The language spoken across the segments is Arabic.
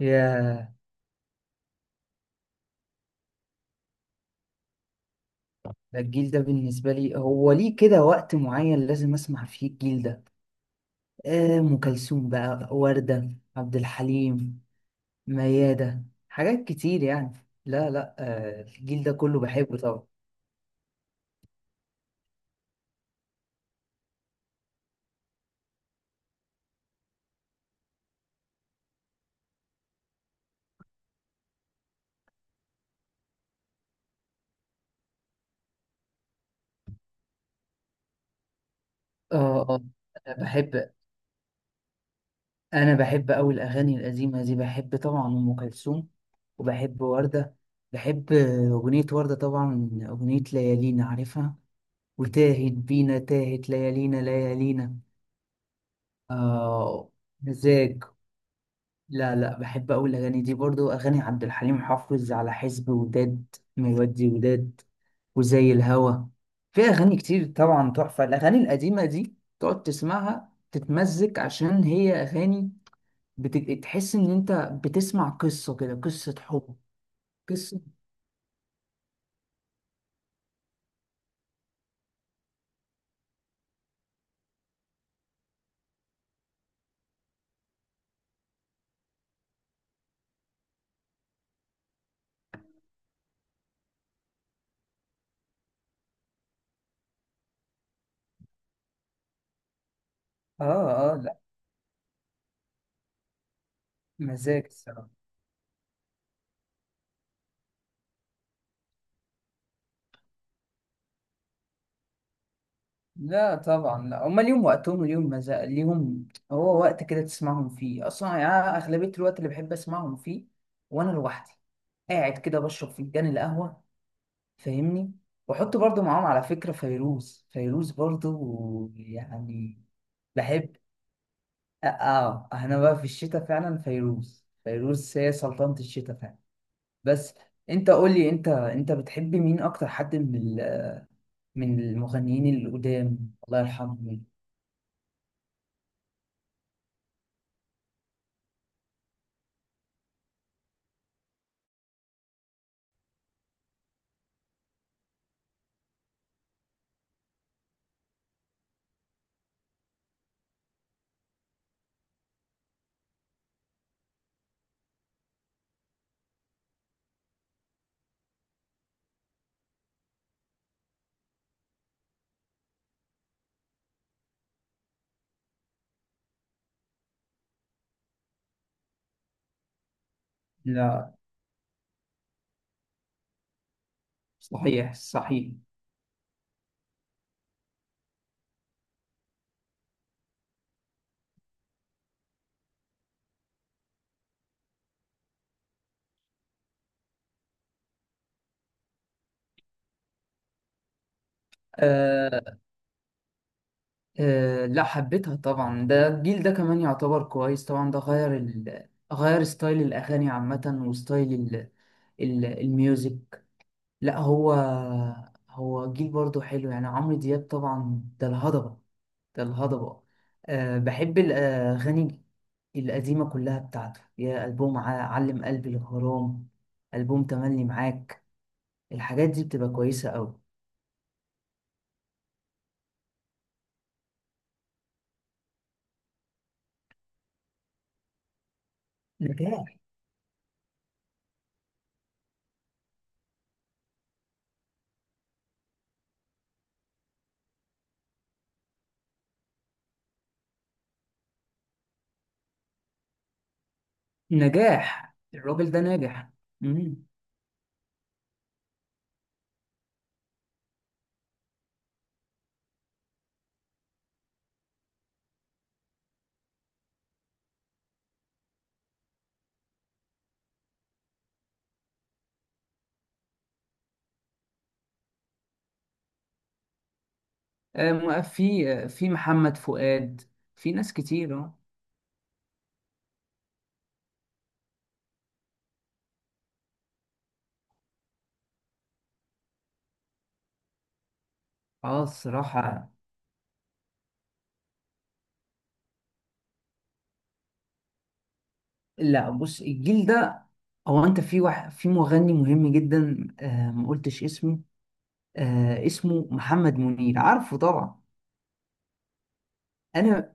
يا. ده الجيل ده بالنسبة لي، هو ليه كده وقت معين لازم أسمع فيه الجيل ده. أم كلثوم، بقى وردة، عبد الحليم، ميادة، حاجات كتير يعني. لا لا، الجيل ده كله بحبه طبعا. اه اه أنا بحب أنا بحب أوي الأغاني القديمة دي. بحب طبعا أم كلثوم، وبحب وردة. بحب أغنية وردة، طبعا أغنية ليالينا عارفها. وتاهت بينا، تاهت ليالينا ليالينا. آه، مزاج. لا لا، بحب أقول الأغاني دي برضو، أغاني عبد الحليم حافظ، على حزب وداد، مودي وداد، وزي الهوى. في أغاني كتير طبعا تحفة، الأغاني القديمة دي تقعد تسمعها تتمزج عشان هي أغاني، تحس إن أنت بتسمع قصة كده، قصة حب. قصة لا. مزاج الصراحة. لا طبعا، لا هما ليهم وقتهم وليهم مزاج، ليهم هو وقت كده تسمعهم فيه اصلا يعني. أنا اغلبيه الوقت اللي بحب اسمعهم فيه وانا لوحدي، قاعد كده بشرب فنجان القهوه، فاهمني. واحط برضو معاهم على فكره فيروز، فيروز برضو يعني بحب. انا بقى في الشتاء فعلا، فيروز فيروز هي سلطانة الشتاء فعلا. بس انت قول لي، انت بتحب مين اكتر، حد من من المغنيين القدام، الله يرحمهم. لا، صحيح صحيح. آه لا، حبيتها طبعا. ده الجيل ده كمان يعتبر كويس طبعا، ده غير غير ستايل الأغاني عامة، وستايل الميوزك. لا هو، جيل برضو حلو يعني. عمرو دياب طبعا ده الهضبة، ده الهضبة. آه، بحب الأغاني القديمة كلها بتاعته، يا ألبوم علم قلبي الغرام، ألبوم تملي معاك، الحاجات دي بتبقى كويسة أوي. نجاة نجاح، الراجل ده ناجح. مم. في محمد فؤاد. في ناس كتير، الصراحة. لا بص، الجيل ده هو انت في واحد، في مغني مهم جدا ما قلتش اسمه. اسمه محمد منير، عارفه طبعا. انا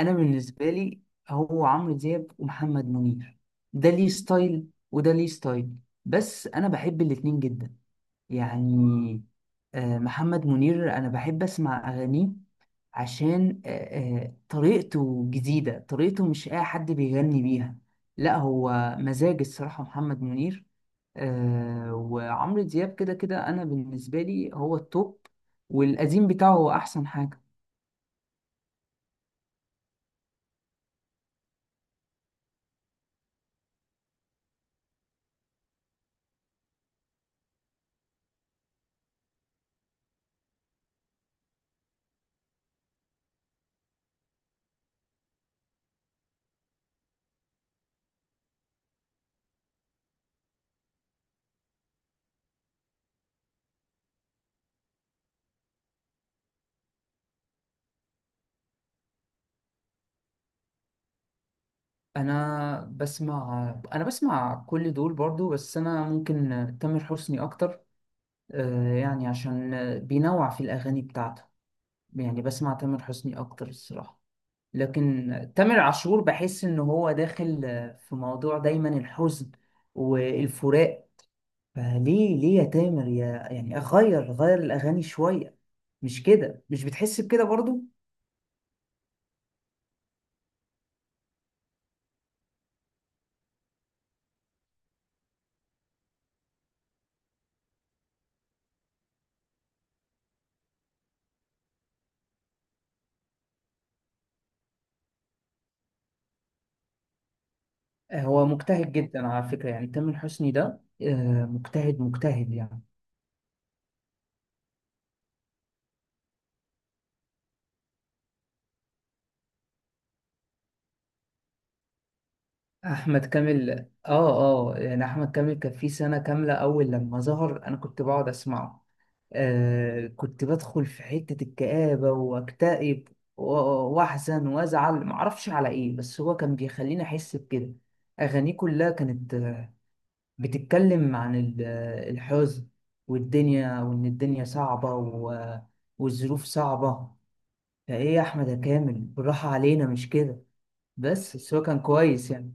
انا بالنسبة لي هو عمرو دياب ومحمد منير. ده ليه ستايل، وده ليه ستايل، بس انا بحب الاتنين جدا يعني. محمد منير أنا بحب أسمع أغانيه، عشان طريقته جديدة، طريقته مش أي حد بيغني بيها. لا هو مزاج الصراحة محمد منير. وعمرو دياب كده كده أنا بالنسبة لي هو التوب، والقديم بتاعه هو أحسن حاجة. أنا بسمع أنا بسمع كل دول برضو، بس أنا ممكن تامر حسني أكتر، يعني عشان بينوع في الأغاني بتاعته. يعني بسمع تامر حسني اكتر الصراحه، لكن تامر عاشور بحس ان هو داخل في موضوع دايما الحزن والفراق. فليه ليه يا تامر يا، يعني غير الاغاني شويه، مش كده؟ مش بتحس بكده برضو؟ هو مجتهد جدا على فكره، يعني تامر حسني ده مجتهد مجتهد يعني. احمد كامل، اه اه، يعني احمد كامل كان في سنه كامله اول لما ظهر، انا كنت بقعد اسمعه. كنت بدخل في حته الكآبه واكتئب و- واحزن وازعل، معرفش على ايه، بس هو كان بيخليني احس بكده. اغانيه كلها كانت بتتكلم عن الحزن والدنيا، وان الدنيا صعبه والظروف صعبه. فايه يا احمد يا كامل، بالراحه علينا، مش كده؟ بس هو كان كويس يعني.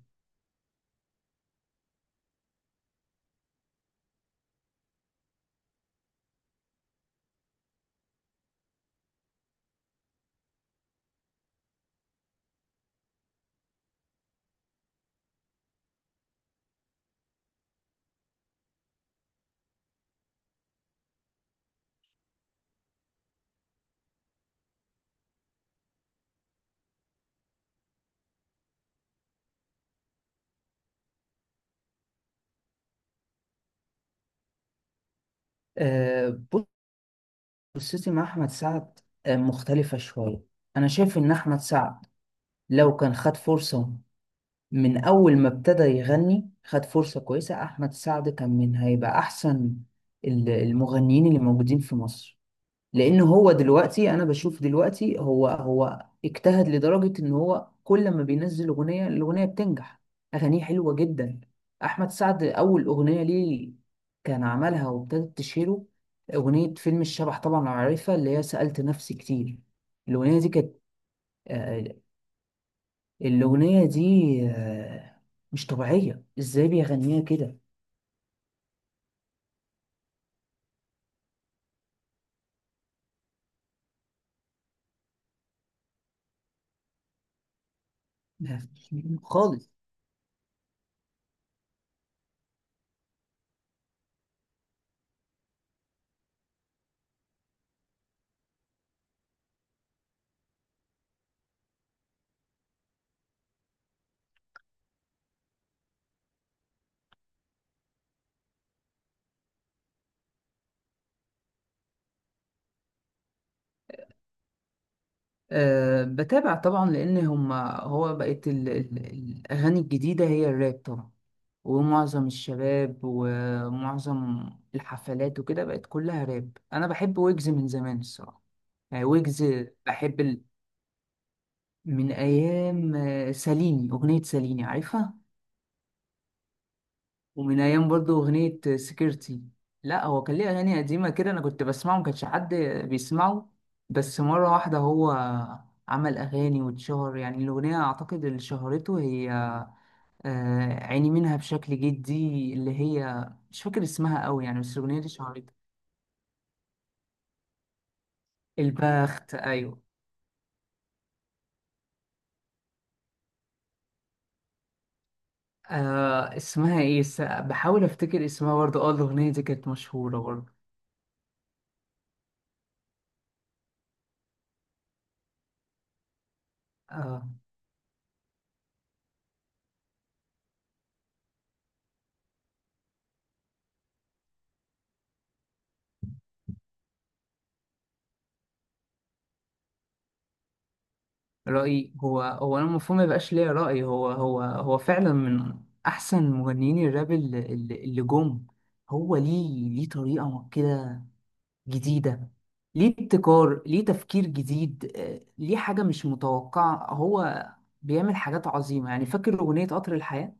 آه، قصتي مع أحمد سعد مختلفة شوية. أنا شايف إن أحمد سعد لو كان خد فرصة، من أول ما ابتدى يغني خد فرصة كويسة، أحمد سعد كان من هيبقى أحسن المغنيين اللي موجودين في مصر. لان هو دلوقتي انا بشوف دلوقتي، هو اجتهد لدرجة ان هو كل ما بينزل اغنية الاغنية بتنجح. اغانيه حلوة جدا. احمد سعد اول اغنية ليه كان عملها وابتدت تشهره اغنية فيلم الشبح، طبعا عارفها، اللي هي سألت نفسي كتير. الاغنية دي كانت آه، الاغنية دي آه، مش طبيعية، ازاي بيغنيها كده. ما فيش منه خالص. أه بتابع طبعا، لان هو بقت الاغاني الجديده هي الراب طبعا، ومعظم الشباب ومعظم الحفلات وكده بقت كلها راب. انا بحب ويجز من زمان الصراحه، يعني ويجز بحب من ايام ساليني، اغنيه ساليني عارفها. ومن ايام برضو اغنيه سكيورتي. لا هو كان ليه اغاني قديمه كده، انا كنت بسمعه، ما كانش حد بيسمعه. بس مره واحده هو عمل اغاني واتشهر، يعني الاغنيه اعتقد اللي شهرته هي عيني منها بشكل جدي، اللي هي مش فاكر اسمها قوي يعني، بس الاغنيه دي شهرته. البخت، ايوه. اسمها ايه؟ بحاول افتكر اسمها برضه، الاغنيه دي كانت مشهوره برضه. آه رأيي هو هو أنا المفروض ما يبقاش ليا رأي. هو فعلا من أحسن مغنيين الراب اللي جم. هو ليه طريقة كده جديدة، ليه ابتكار، ليه تفكير جديد، ليه حاجة مش متوقعة. هو بيعمل حاجات عظيمة يعني، فاكر أغنية قطر الحياة.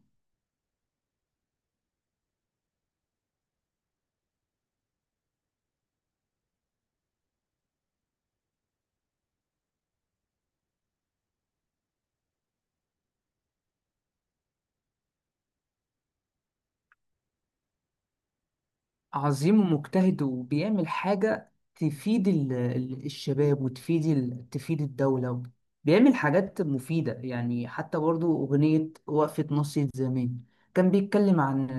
عظيم ومجتهد وبيعمل حاجة تفيد الشباب، وتفيد تفيد الدولة. بيعمل حاجات مفيدة يعني، حتى برضو أغنية وقفة ناصية زمان، كان بيتكلم عن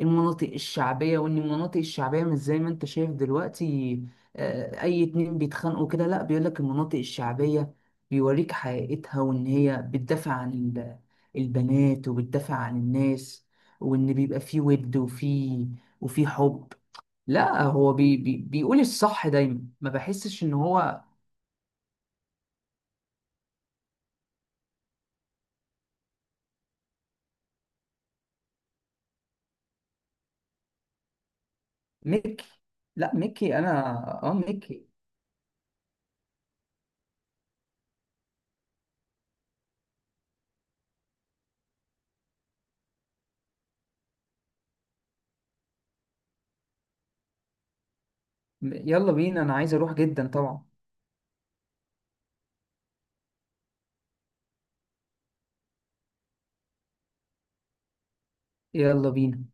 المناطق الشعبية، وإن المناطق الشعبية مش زي ما أنت شايف دلوقتي. أي اتنين بيتخانقوا كده. لأ، بيقولك المناطق الشعبية بيوريك حقيقتها، وإن هي بتدافع عن البنات، وبتدافع عن الناس، وإن بيبقى فيه ود، وفي حب. لا هو بي بي بيقول الصح دايما، ما بحسش ان هو. ميكي. لا ميكي انا، اه ميكي. يلا بينا، انا عايز اروح جدا طبعا. يلا بينا.